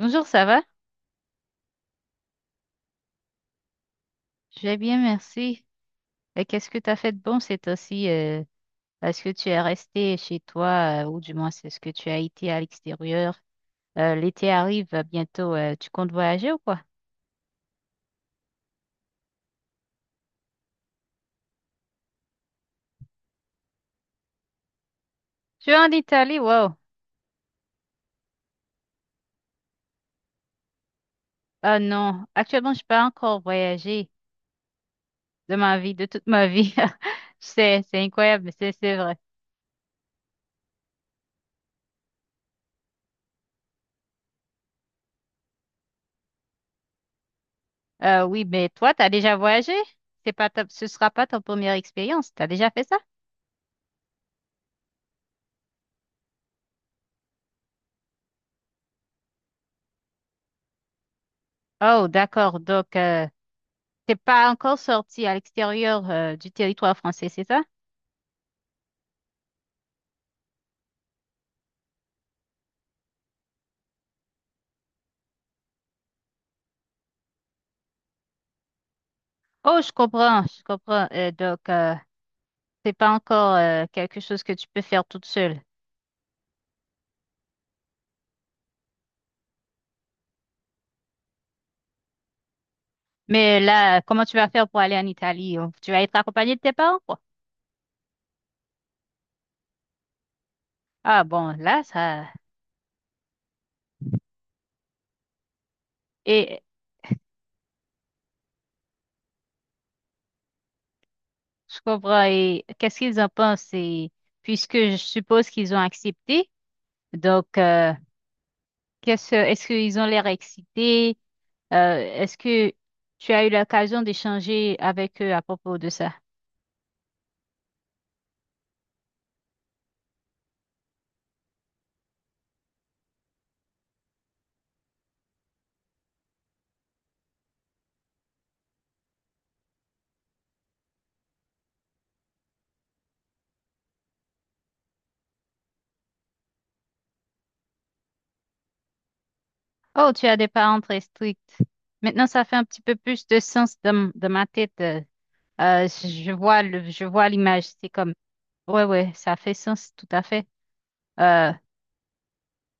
Bonjour, ça va? Je vais bien, merci. Et qu'est-ce que tu as fait de bon ces temps-ci? Est-ce que tu es resté chez toi ou du moins c'est ce que tu as été à l'extérieur? L'été arrive bientôt. Tu comptes voyager ou quoi? Je suis en Italie, wow. Ah non, actuellement, je n'ai pas encore voyagé de ma vie, de toute ma vie. C'est incroyable, mais c'est vrai. Oui, mais toi, tu as déjà voyagé? C'est pas ta- Ce sera pas ta première expérience. Tu as déjà fait ça? Oh, d'accord. Donc, c'est pas encore sorti à l'extérieur du territoire français, c'est ça? Oh, je comprends, je comprends. C'est pas encore quelque chose que tu peux faire toute seule. Mais là, comment tu vas faire pour aller en Italie? Oh, tu vas être accompagnée de tes parents, quoi? Ah bon, là, ça... Et je comprends. Et qu'est-ce qu'ils en pensent? Et puisque je suppose qu'ils ont accepté, donc, qu'est-ce, est-ce qu'ils ont l'air excités? Est-ce que tu as eu l'occasion d'échanger avec eux à propos de ça? Oh, tu as des parents très stricts. Maintenant, ça fait un petit peu plus de sens dans, dans ma tête. Je vois le, je vois l'image. C'est comme, ouais, ouais, ça fait sens, tout à fait. Euh,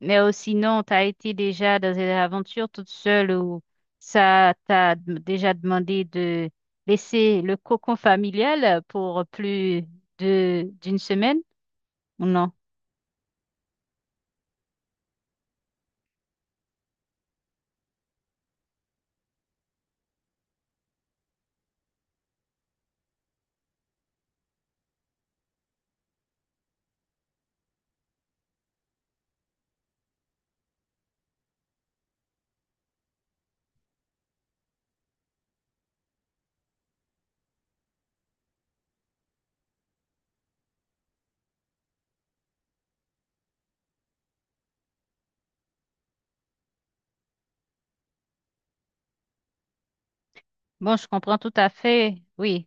mais sinon, tu as été déjà dans une aventure toute seule où ça déjà demandé de laisser le cocon familial pour plus de d'une semaine ou non? Bon, je comprends tout à fait. Oui.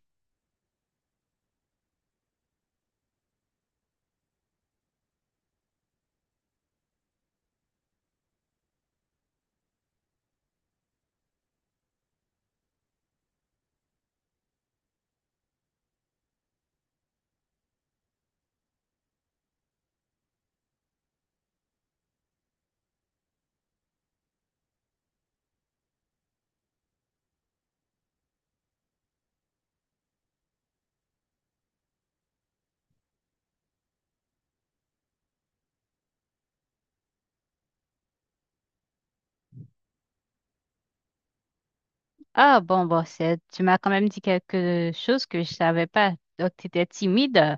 Ah bon, bon, c'est, tu m'as quand même dit quelque chose que je savais pas. Donc, tu étais timide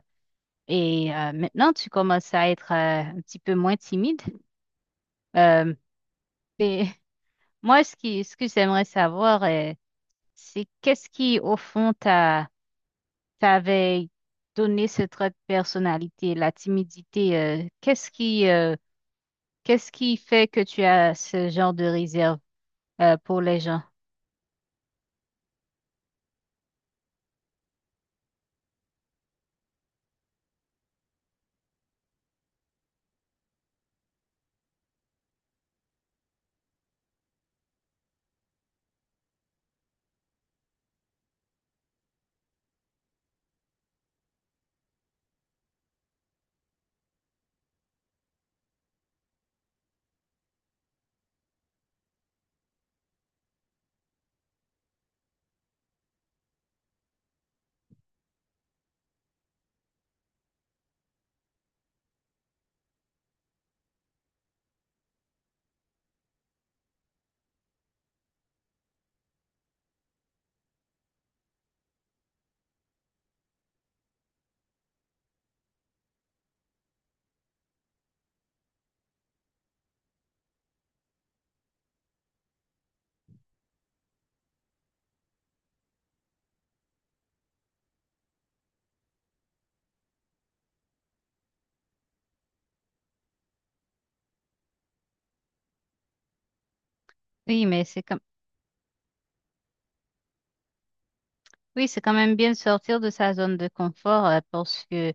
et maintenant tu commences à être un petit peu moins timide. Euh, et moi, ce que j'aimerais savoir, c'est qu'est-ce qui, au fond, t'avait donné ce trait de personnalité, la timidité. Qu'est-ce qui fait que tu as ce genre de réserve pour les gens? Oui, mais c'est comme oui, c'est quand même bien de sortir de sa zone de confort parce que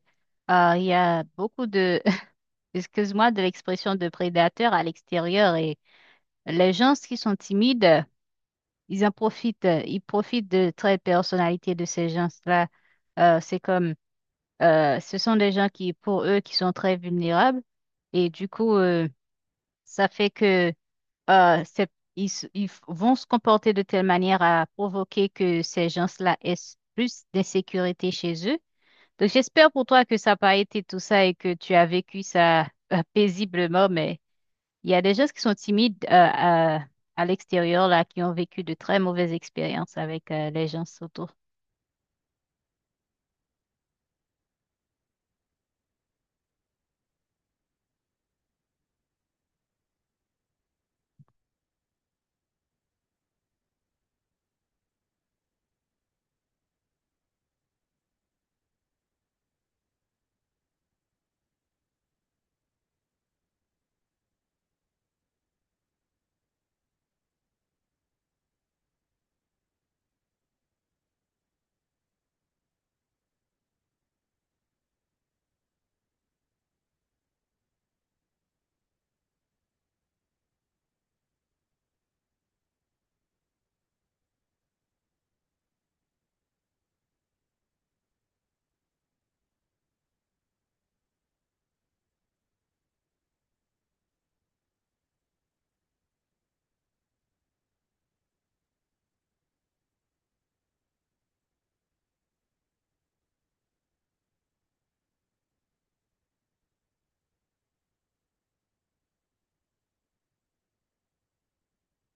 il y a beaucoup de, excuse-moi, de l'expression de prédateurs à l'extérieur et les gens qui sont timides, ils en profitent, ils profitent de traits de personnalité de ces gens-là. C'est comme, ce sont des gens qui, pour eux, qui sont très vulnérables et du coup, ça fait que euh, c'est- ils, ils vont se comporter de telle manière à provoquer que ces gens-là aient plus d'insécurité chez eux. Donc, j'espère pour toi que ça n'a pas été tout ça et que tu as vécu ça paisiblement, mais il y a des gens qui sont timides à l'extérieur, là, qui ont vécu de très mauvaises expériences avec les gens autour.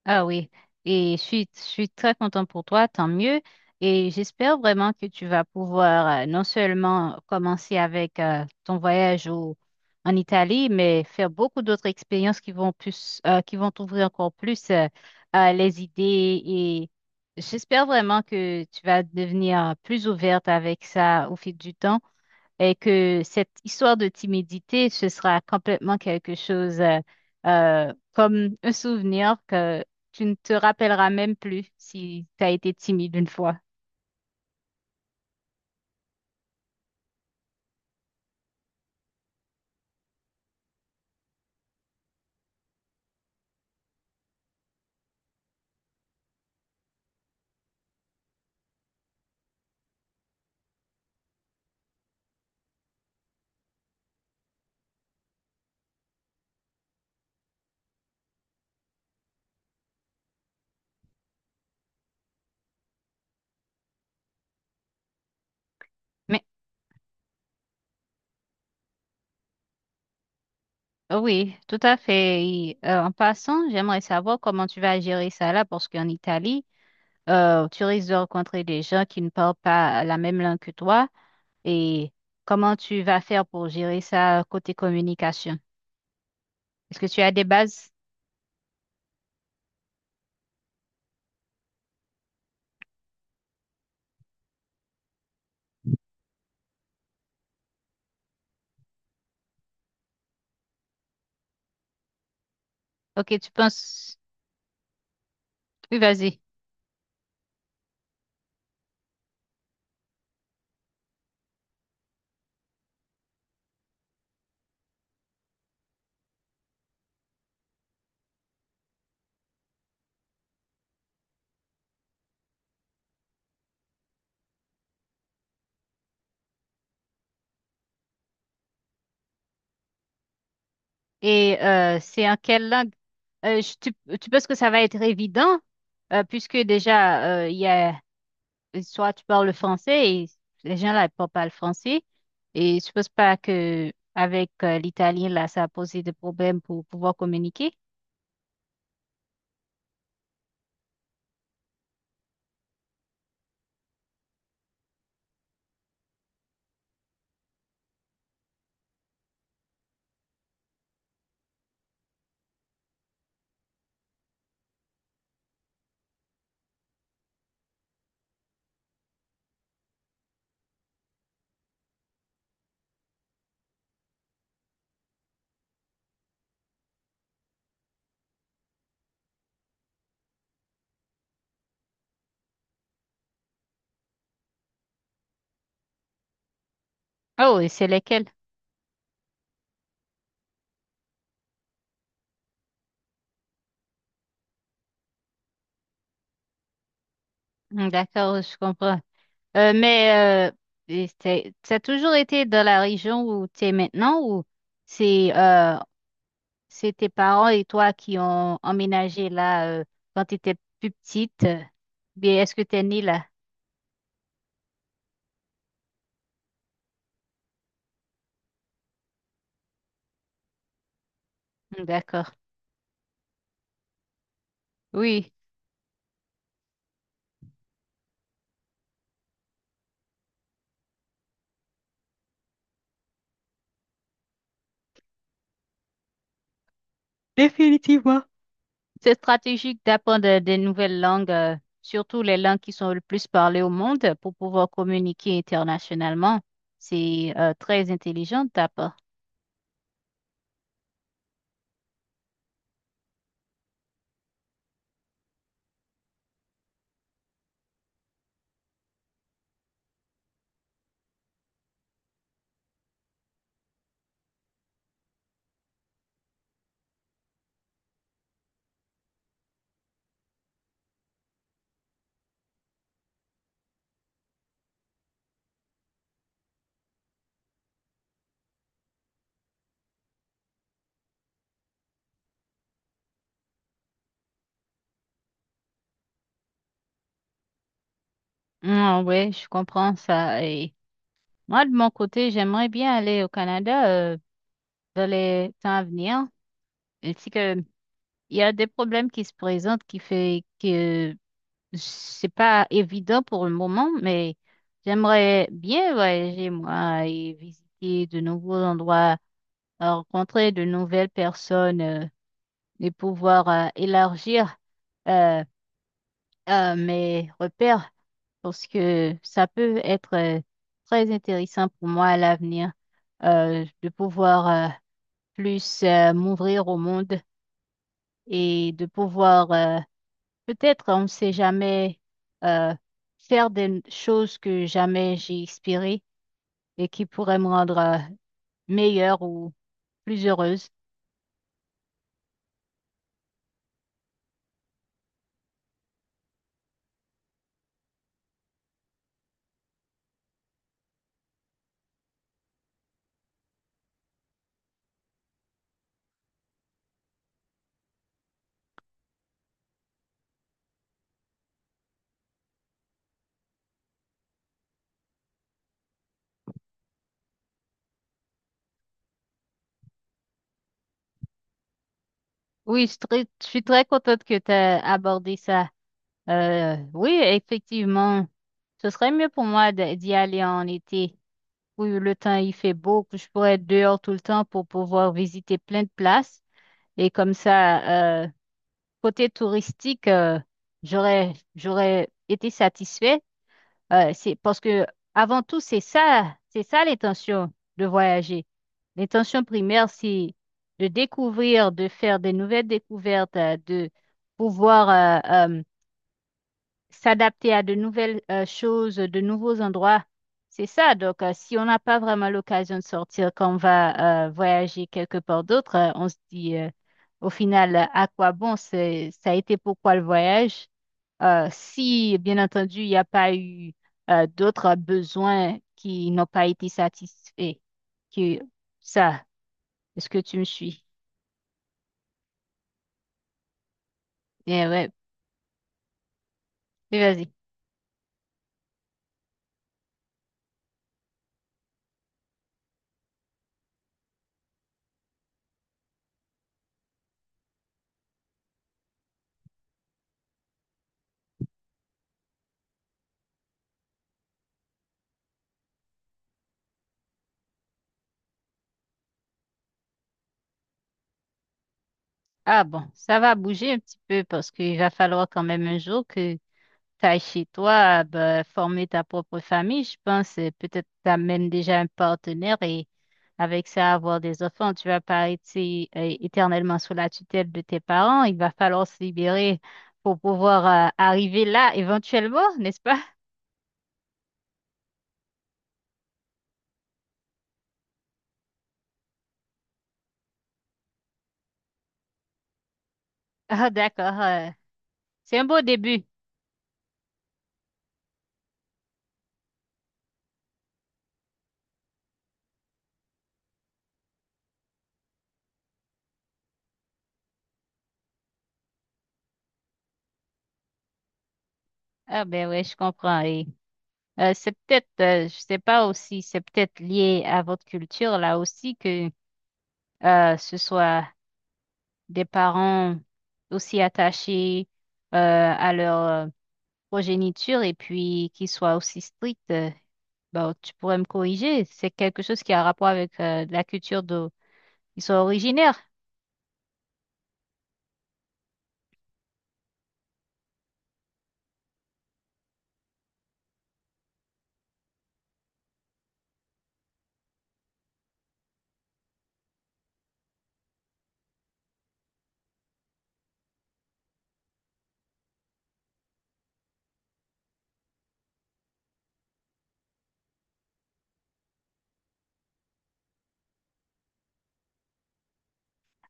Ah oui, et je suis très contente pour toi, tant mieux. Et j'espère vraiment que tu vas pouvoir non seulement commencer avec ton voyage en Italie, mais faire beaucoup d'autres expériences qui vont plus, qui vont t'ouvrir encore plus les idées. Et j'espère vraiment que tu vas devenir plus ouverte avec ça au fil du temps et que cette histoire de timidité, ce sera complètement quelque chose comme un souvenir que tu ne te rappelleras même plus si tu as été timide une fois. Mais oui, tout à fait. Et, en passant, j'aimerais savoir comment tu vas gérer ça là, parce qu'en Italie, tu risques de rencontrer des gens qui ne parlent pas la même langue que toi et comment tu vas faire pour gérer ça côté communication? Est-ce que tu as des bases? Ok, tu penses. Oui, vas-y. Et c'est en quelle langue? Tu, tu penses que ça va être évident puisque déjà, il y a, soit tu parles le français et les gens là ne parlent pas le français. Et je pense pas que avec l'italien là, ça a posé des problèmes pour pouvoir communiquer. Oh, et c'est lesquels? Hmm, d'accord, je comprends. Euh, mais euh, et ça a toujours été dans la région où tu es maintenant ou c'est euh, c'est tes parents et toi qui ont emménagé là quand tu étais plus petite. Bien, est-ce que tu es née là? Hmm, d'accord. Oui, définitivement. C'est stratégique d'apprendre des nouvelles langues, surtout les langues qui sont le plus parlées au monde pour pouvoir communiquer internationalement. C'est très intelligent de ta part. Hmm, oui, je comprends ça. Et moi, de mon côté, j'aimerais bien aller au Canada dans les temps à venir. Ainsi que il y a des problèmes qui se présentent qui fait que c'est pas évident pour le moment, mais j'aimerais bien voyager moi et visiter de nouveaux endroits, rencontrer de nouvelles personnes et pouvoir élargir euh, mes repères parce que ça peut être très intéressant pour moi à l'avenir de pouvoir plus m'ouvrir au monde et de pouvoir peut-être on ne sait jamais euh, faire des choses que jamais j'ai espérées et qui pourraient me rendre meilleure ou plus heureuse. Oui, je suis très contente que tu aies abordé ça. Oui, effectivement, ce serait mieux pour moi d'y aller en été. Oui, le temps il fait beau, que je pourrais être dehors tout le temps pour pouvoir visiter plein de places. Et comme ça, côté touristique, j'aurais été satisfaite. C'est parce que avant tout, c'est ça l'intention de voyager. L'intention primaire, c'est de découvrir, de faire des nouvelles découvertes, de pouvoir euh, euh, s'adapter à de nouvelles choses, de nouveaux endroits. C'est ça. Donc, si on n'a pas vraiment l'occasion de sortir quand on va voyager quelque part d'autre, on se dit au final, à quoi bon? C'est, ça a été pourquoi le voyage? Si, bien entendu, il n'y a pas eu d'autres besoins qui n'ont pas été satisfaits que ça. Est-ce que tu me suis? Eh ouais, mais vas-y. Ah bon, ça va bouger un petit peu parce qu'il va falloir quand même un jour que t'as chez toi, ben former ta propre famille, je pense, peut-être t'amènes déjà un partenaire et avec ça avoir des enfants, tu vas pas être éternellement sous la tutelle de tes parents. Il va falloir se libérer pour pouvoir arriver là éventuellement, n'est-ce pas? Ah, d'accord. C'est un beau début. Ah, ben ouais, je comprends. Et c'est peut-être, je sais pas aussi, c'est peut-être lié à votre culture là aussi que ce soit des parents aussi attachés à leur progéniture et puis qui soient aussi stricts, bon, tu pourrais me corriger. C'est quelque chose qui a rapport avec la culture d'où ils sont originaires.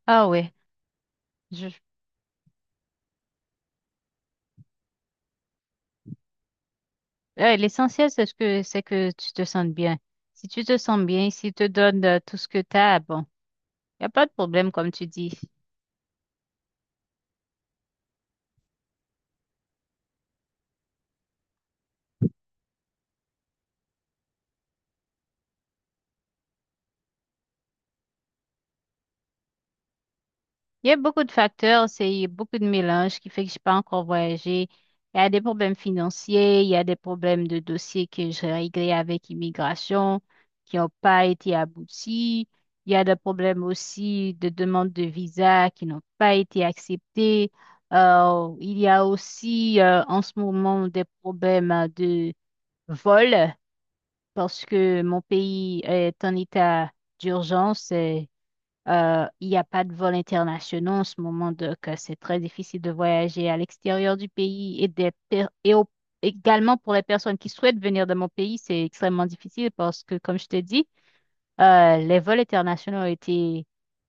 Ah ouais. Je- ouais, l'essentiel, c'est ce que c'est que tu te sentes bien. Si tu te sens bien, s'ils te donnent tout ce que tu as, bon, il n'y a pas de problème, comme tu dis. Il y a beaucoup de facteurs, c'est beaucoup de mélange qui fait que je n'ai pas encore voyagé. Il y a des problèmes financiers, il y a des problèmes de dossiers que j'ai réglés avec immigration qui n'ont pas été aboutis. Il y a des problèmes aussi de demande de visa qui n'ont pas été acceptés. Il y a aussi en ce moment des problèmes de vol parce que mon pays est en état d'urgence. Il n'y a pas de vols internationaux en ce moment, donc c'est très difficile de voyager à l'extérieur du pays et également pour les personnes qui souhaitent venir dans mon pays, c'est extrêmement difficile parce que, comme je t'ai dit, les vols internationaux ont été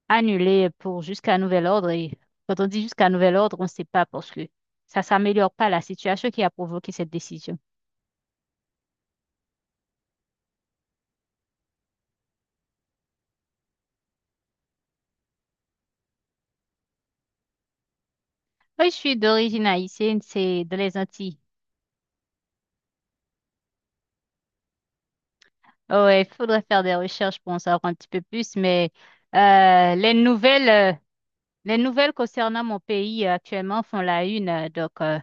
annulés pour jusqu'à nouvel ordre. Et quand on dit jusqu'à nouvel ordre, on ne sait pas parce que ça s'améliore pas la situation qui a provoqué cette décision. Oui, je suis d'origine haïtienne, c'est dans les Antilles. Ouais, il faudrait faire des recherches pour en savoir un petit peu plus, mais euh, les nouvelles, euh, les nouvelles concernant mon pays actuellement font la une, euh, donc euh,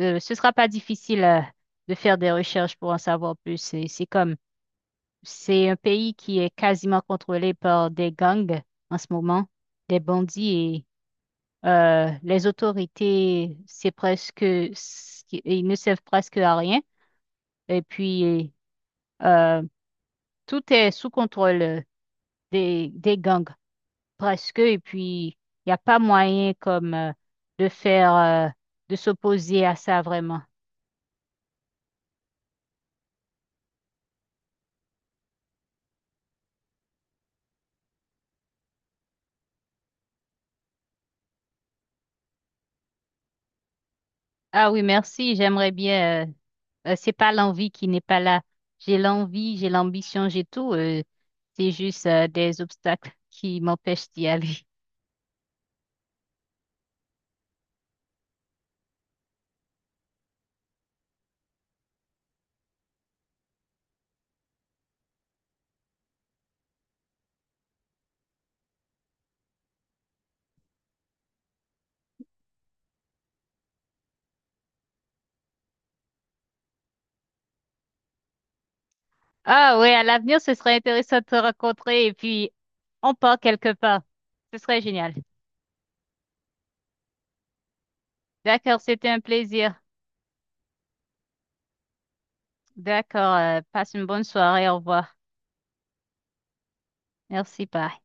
euh, ce sera pas difficile de faire des recherches pour en savoir plus. C'est un pays qui est quasiment contrôlé par des gangs en ce moment, des bandits et les autorités, c'est presque, ils ne servent presque à rien. Et puis euh, tout est sous contrôle des gangs. Presque, et puis il n'y a pas moyen comme de faire, de s'opposer à ça vraiment. Ah oui, merci, j'aimerais bien, c'est pas l'envie qui n'est pas là. J'ai l'envie, j'ai l'ambition, j'ai tout, c'est juste des obstacles qui m'empêchent d'y aller. Ah oui, à l'avenir, ce serait intéressant de te rencontrer et puis on part quelque part. Ce serait génial. D'accord, c'était un plaisir. D'accord, passe une bonne soirée, au revoir. Merci, bye.